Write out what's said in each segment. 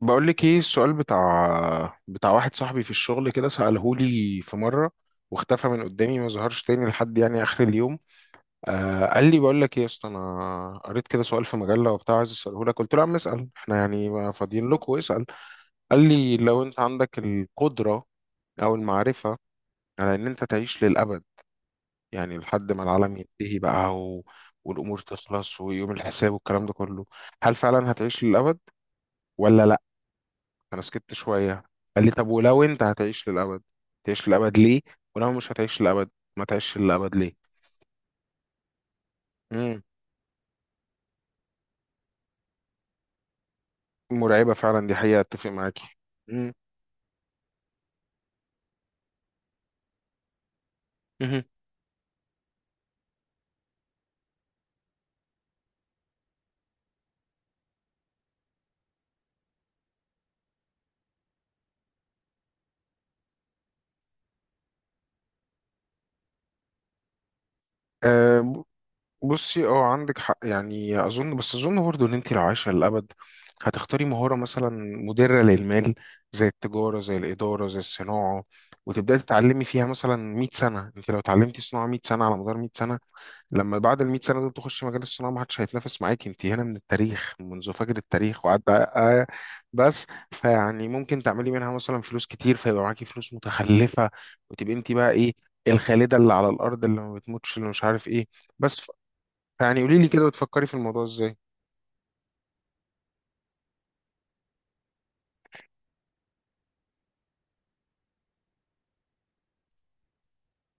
بقول لك ايه السؤال بتاع واحد صاحبي في الشغل كده سأله لي في مرة، واختفى من قدامي ما ظهرش تاني لحد يعني اخر اليوم. قال لي بقول لك ايه يا اسطى، انا قريت كده سؤال في مجلة وبتاع عايز اساله لك. قلت له يا عم اسال، احنا يعني ما فاضيين لك، واسال. قال لي لو انت عندك القدرة او المعرفة على ان انت تعيش للابد، يعني لحد ما العالم ينتهي بقى والامور تخلص ويوم الحساب والكلام ده كله، هل فعلا هتعيش للابد ولا؟ انا سكت شويه. قال لي طب ولو انت هتعيش للابد، تعيش للابد ليه؟ ولو مش هتعيش للابد، ما تعيش للابد ليه؟ امم مرعبه فعلا، دي حقيقه، اتفق معاكي. امم بصي اه، عندك حق يعني، اظن، بس اظن برضه ان انت لو عايشه للابد، هتختاري مهاره مثلا مدره للمال، زي التجاره زي الاداره زي الصناعه، وتبداي تتعلمي فيها مثلا 100 سنه. انت لو اتعلمتي صناعه 100 سنه، على مدار 100 سنه، لما بعد ال 100 سنه دول تخشي مجال الصناعه، ما حدش هيتنافس معاك، انت هنا من التاريخ، منذ فجر التاريخ وعدى بس. فيعني ممكن تعملي منها مثلا فلوس كتير، فيبقى معاكي فلوس متخلفه، وتبقي انت بقى ايه؟ الخالده اللي على الارض، اللي ما بتموتش، اللي مش عارف ايه. بس، يعني قولي لي كده بتفكري في الموضوع ازاي؟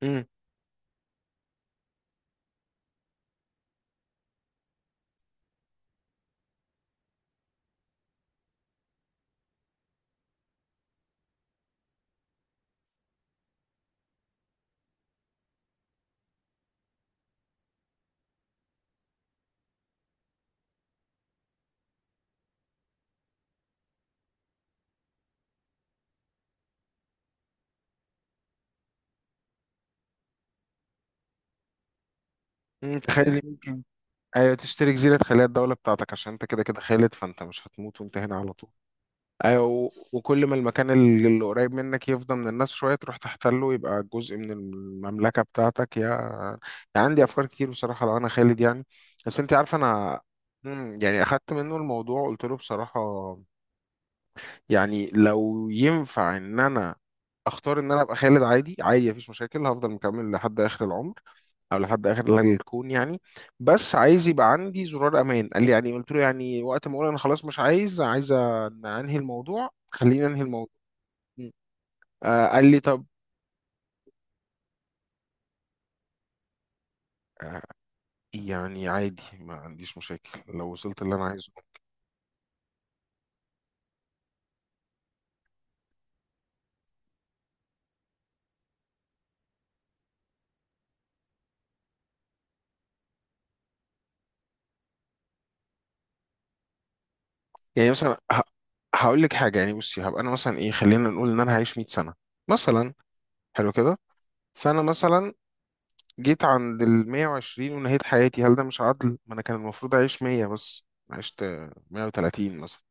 امم تخيلي ممكن. ايوه، تشتري جزيره، خليها الدوله بتاعتك، عشان انت كده كده خالد، فانت مش هتموت وانت هنا على طول. ايوه وكل ما المكان اللي قريب منك يفضى من الناس شويه، تروح تحتله، يبقى جزء من المملكه بتاعتك، يا يعني عندي افكار كتير بصراحه لو انا خالد يعني. بس انت عارفه انا يعني اخدت منه الموضوع، قلت له بصراحه يعني لو ينفع ان انا اختار ان انا ابقى خالد، عادي عادي مفيش مشاكل، هفضل مكمل لحد اخر العمر او لحد اخر الكون يعني. بس عايز يبقى عندي زرار امان. قال لي يعني؟ قلت له يعني وقت ما اقول انا خلاص مش عايز، انهي الموضوع، خلينا انهي الموضوع. م. قال لي طب. يعني عادي، ما عنديش مشاكل لو وصلت اللي انا عايزه. يعني مثلا هقول لك حاجه يعني. بصي، هبقى انا مثلا ايه، خلينا نقول ان انا هعيش 100 سنه مثلا. حلو كده. فانا مثلا جيت عند ال 120 ونهيت حياتي، هل ده مش عدل؟ ما انا كان المفروض اعيش 100 بس، عشت 130 مثلا.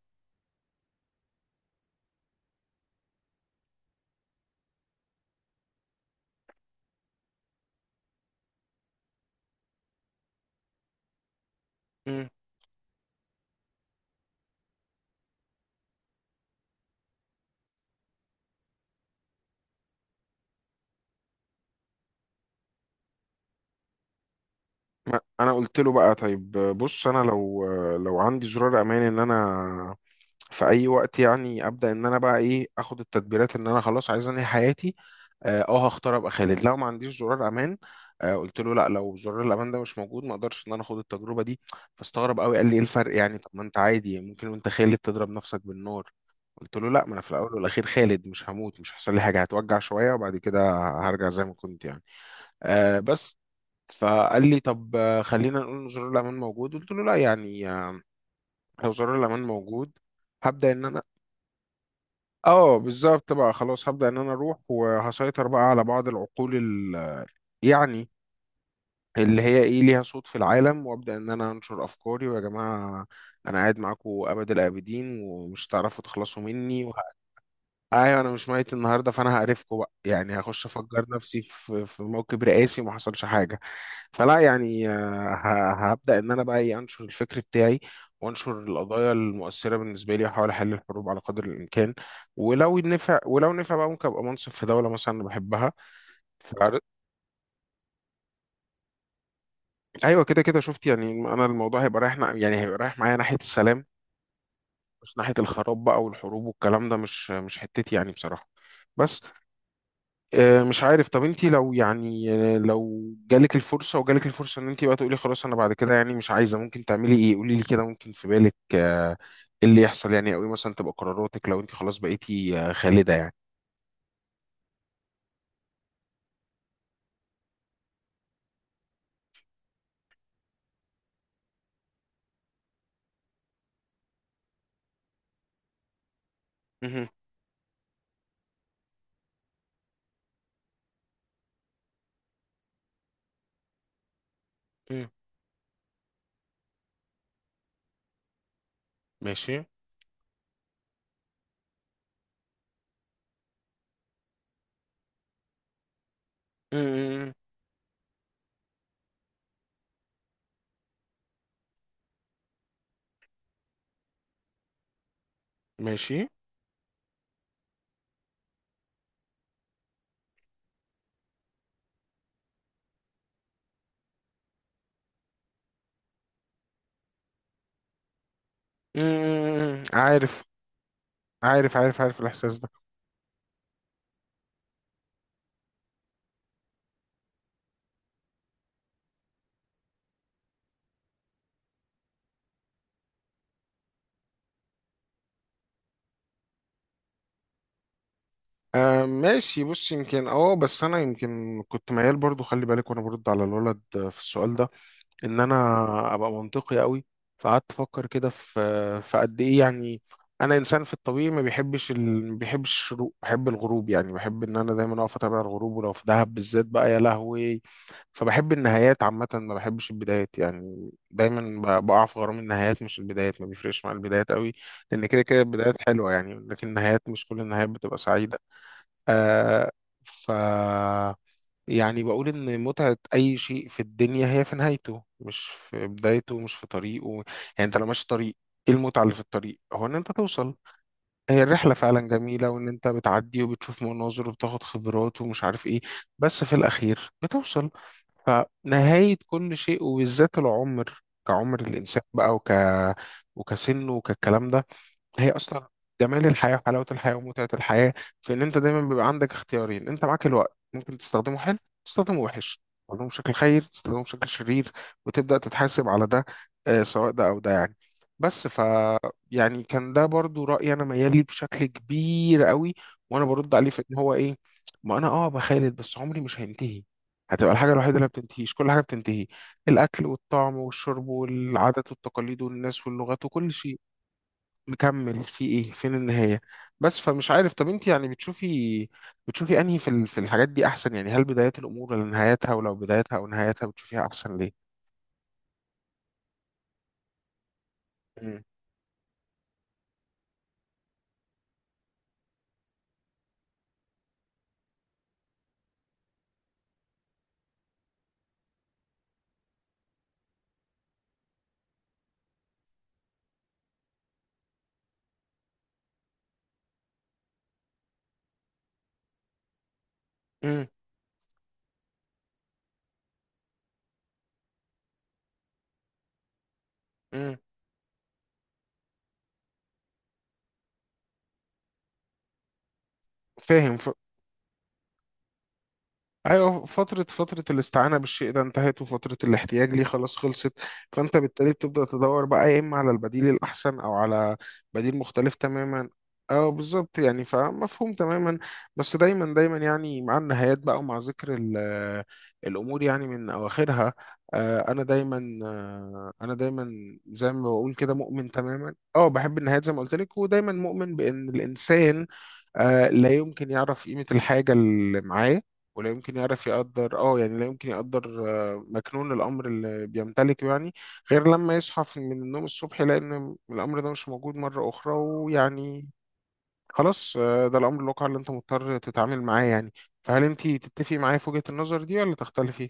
انا قلت له بقى طيب بص، انا لو لو عندي زرار امان ان انا في اي وقت يعني ابدا ان انا بقى ايه، اخد التدبيرات ان انا خلاص عايز انهي حياتي، اه هختار ابقى خالد. لو ما عنديش زرار امان، قلت له لا، لو زرار الامان ده مش موجود، ما اقدرش ان انا اخد التجربه دي. فاستغرب قوي قال لي ايه الفرق يعني؟ طب ما انت عادي ممكن وانت خالد تضرب نفسك بالنار. قلت له لا، ما انا في الاول والاخير خالد، مش هموت، مش هيحصل لي حاجه، هتوجع شويه وبعد كده هرجع زي ما كنت يعني. آه بس. فقال لي طب خلينا نقول ان زرار الامان موجود. قلت له لا يعني، لو زرار الامان موجود، هبدا ان انا، اه بالظبط بقى خلاص، هبدا ان انا اروح وهسيطر بقى على بعض العقول يعني اللي هي ايه، ليها صوت في العالم، وابدا ان انا انشر افكاري. ويا جماعه انا قاعد معاكم ابد الابدين، ومش هتعرفوا تخلصوا مني. ايوه انا مش ميت النهارده، فانا هقرفكم بقى يعني، هخش افجر نفسي في موكب رئاسي وما حصلش حاجه. فلا يعني، هبدا ان انا بقى ايه، انشر الفكر بتاعي، وانشر القضايا المؤثره بالنسبه لي، واحاول احل الحروب على قدر الامكان. ولو نفع، ولو نفع بقى، ممكن ابقى منصف في دوله مثلا انا بحبها. ف- ايوه كده كده شفت يعني، انا الموضوع هيبقى رايح يعني هيبقى رايح معايا ناحيه السلام، مش ناحيه الخراب بقى والحروب والكلام ده، مش حتتي يعني بصراحه. بس مش عارف، طب انت لو يعني لو جالك الفرصة، وجالك الفرصة ان انت بقى تقولي خلاص انا بعد كده يعني مش عايزة، ممكن تعملي ايه؟ قولي لي كده، ممكن في بالك ايه اللي يحصل يعني، او ايه مثلا تبقى قراراتك لو انت خلاص بقيتي خالدة يعني. مهم. مم. ماشي. مم. ماشي. مم. عارف. عارف الاحساس ده. آه ماشي. بص، يمكن اه، بس انا يمكن كنت ميال برضو، خلي بالك وانا برد على الولد في السؤال ده ان انا ابقى منطقي قوي. فقعدت افكر كده في قد ايه يعني. انا انسان في الطبيعي ما بيحبش ما بيحبش الشروق، بحب الغروب، يعني بحب ان انا دايما اقف اتابع الغروب، ولو في دهب بالذات بقى يا لهوي. فبحب النهايات عامه، ما بحبش البدايات يعني، دايما بقع في غرام النهايات مش البدايات، ما بيفرقش مع البدايات قوي، لان كده كده البدايات حلوه يعني، لكن النهايات مش كل النهايات بتبقى سعيده. آه. ف يعني بقول إن متعة أي شيء في الدنيا هي في نهايته، مش في بدايته، مش في طريقه. يعني أنت لو ماشي طريق، إيه المتعة اللي في الطريق؟ هو إن أنت توصل. هي الرحلة فعلا جميلة، وإن أنت بتعدي وبتشوف مناظر وبتاخد خبرات ومش عارف إيه، بس في الأخير بتوصل. فنهاية كل شيء وبالذات العمر، كعمر الإنسان بقى، وكسنه وكالكلام ده، هي اصلا جمال الحياه وحلاوه الحياه ومتعه الحياه، في ان انت دايما بيبقى عندك اختيارين، انت معاك الوقت، ممكن تستخدمه حلو، تستخدمه وحش، تستخدمه بشكل خير، تستخدمه بشكل شرير، وتبدا تتحاسب على ده سواء ده او ده يعني. بس ف يعني كان ده برضو رايي، انا ميالي بشكل كبير قوي. وانا برد عليه في ان هو ايه، ما انا اه بخالد بس عمري مش هينتهي، هتبقى الحاجة الوحيدة اللي ما بتنتهيش، كل حاجة بتنتهي، الأكل والطعم والشرب والعادات والتقاليد والناس واللغات وكل شيء، مكمل في ايه، فين النهاية؟ بس فمش عارف، طب انت يعني بتشوفي، بتشوفي انهي في في الحاجات دي احسن يعني؟ هل بدايات الامور ولا نهايتها؟ ولو بدايتها او نهايتها بتشوفيها احسن، ليه؟ امم امم فاهم. ايوه، فترة، فترة الاستعانة بالشيء ده انتهت، وفترة الاحتياج ليه خلاص خلصت. فانت بالتالي بتبدأ تدور بقى، يا اما على البديل الاحسن، او على بديل مختلف تماما. اه بالظبط يعني، فمفهوم تماما. بس دايما دايما يعني مع النهايات بقى، ومع ذكر الامور يعني من اواخرها، انا دايما زي ما بقول كده مؤمن تماما، اه بحب النهايات زي ما قلت لك، ودايما مؤمن بان الانسان لا يمكن يعرف قيمة الحاجة اللي معاه، ولا يمكن يعرف يقدر اه يعني لا يمكن يقدر مكنون الامر اللي بيمتلكه يعني، غير لما يصحى من النوم الصبح، يلاقي ان الامر ده مش موجود مره اخرى، ويعني خلاص، ده الامر الواقع اللي انت مضطر تتعامل معاه يعني. فهل انت تتفقي معايا في وجهه النظر دي ولا تختلفي؟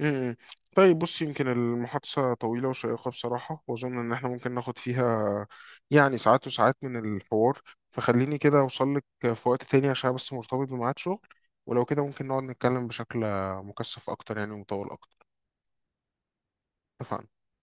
امم. طيب بص، يمكن المحادثة طويلة وشيقة بصراحة، وأظن إن إحنا ممكن ناخد فيها يعني ساعات وساعات من الحوار. فخليني كده أوصل لك في وقت تاني، عشان بس مرتبط بميعاد شغل، ولو كده ممكن نقعد نتكلم بشكل مكثف أكتر يعني ومطول أكتر. اتفقنا.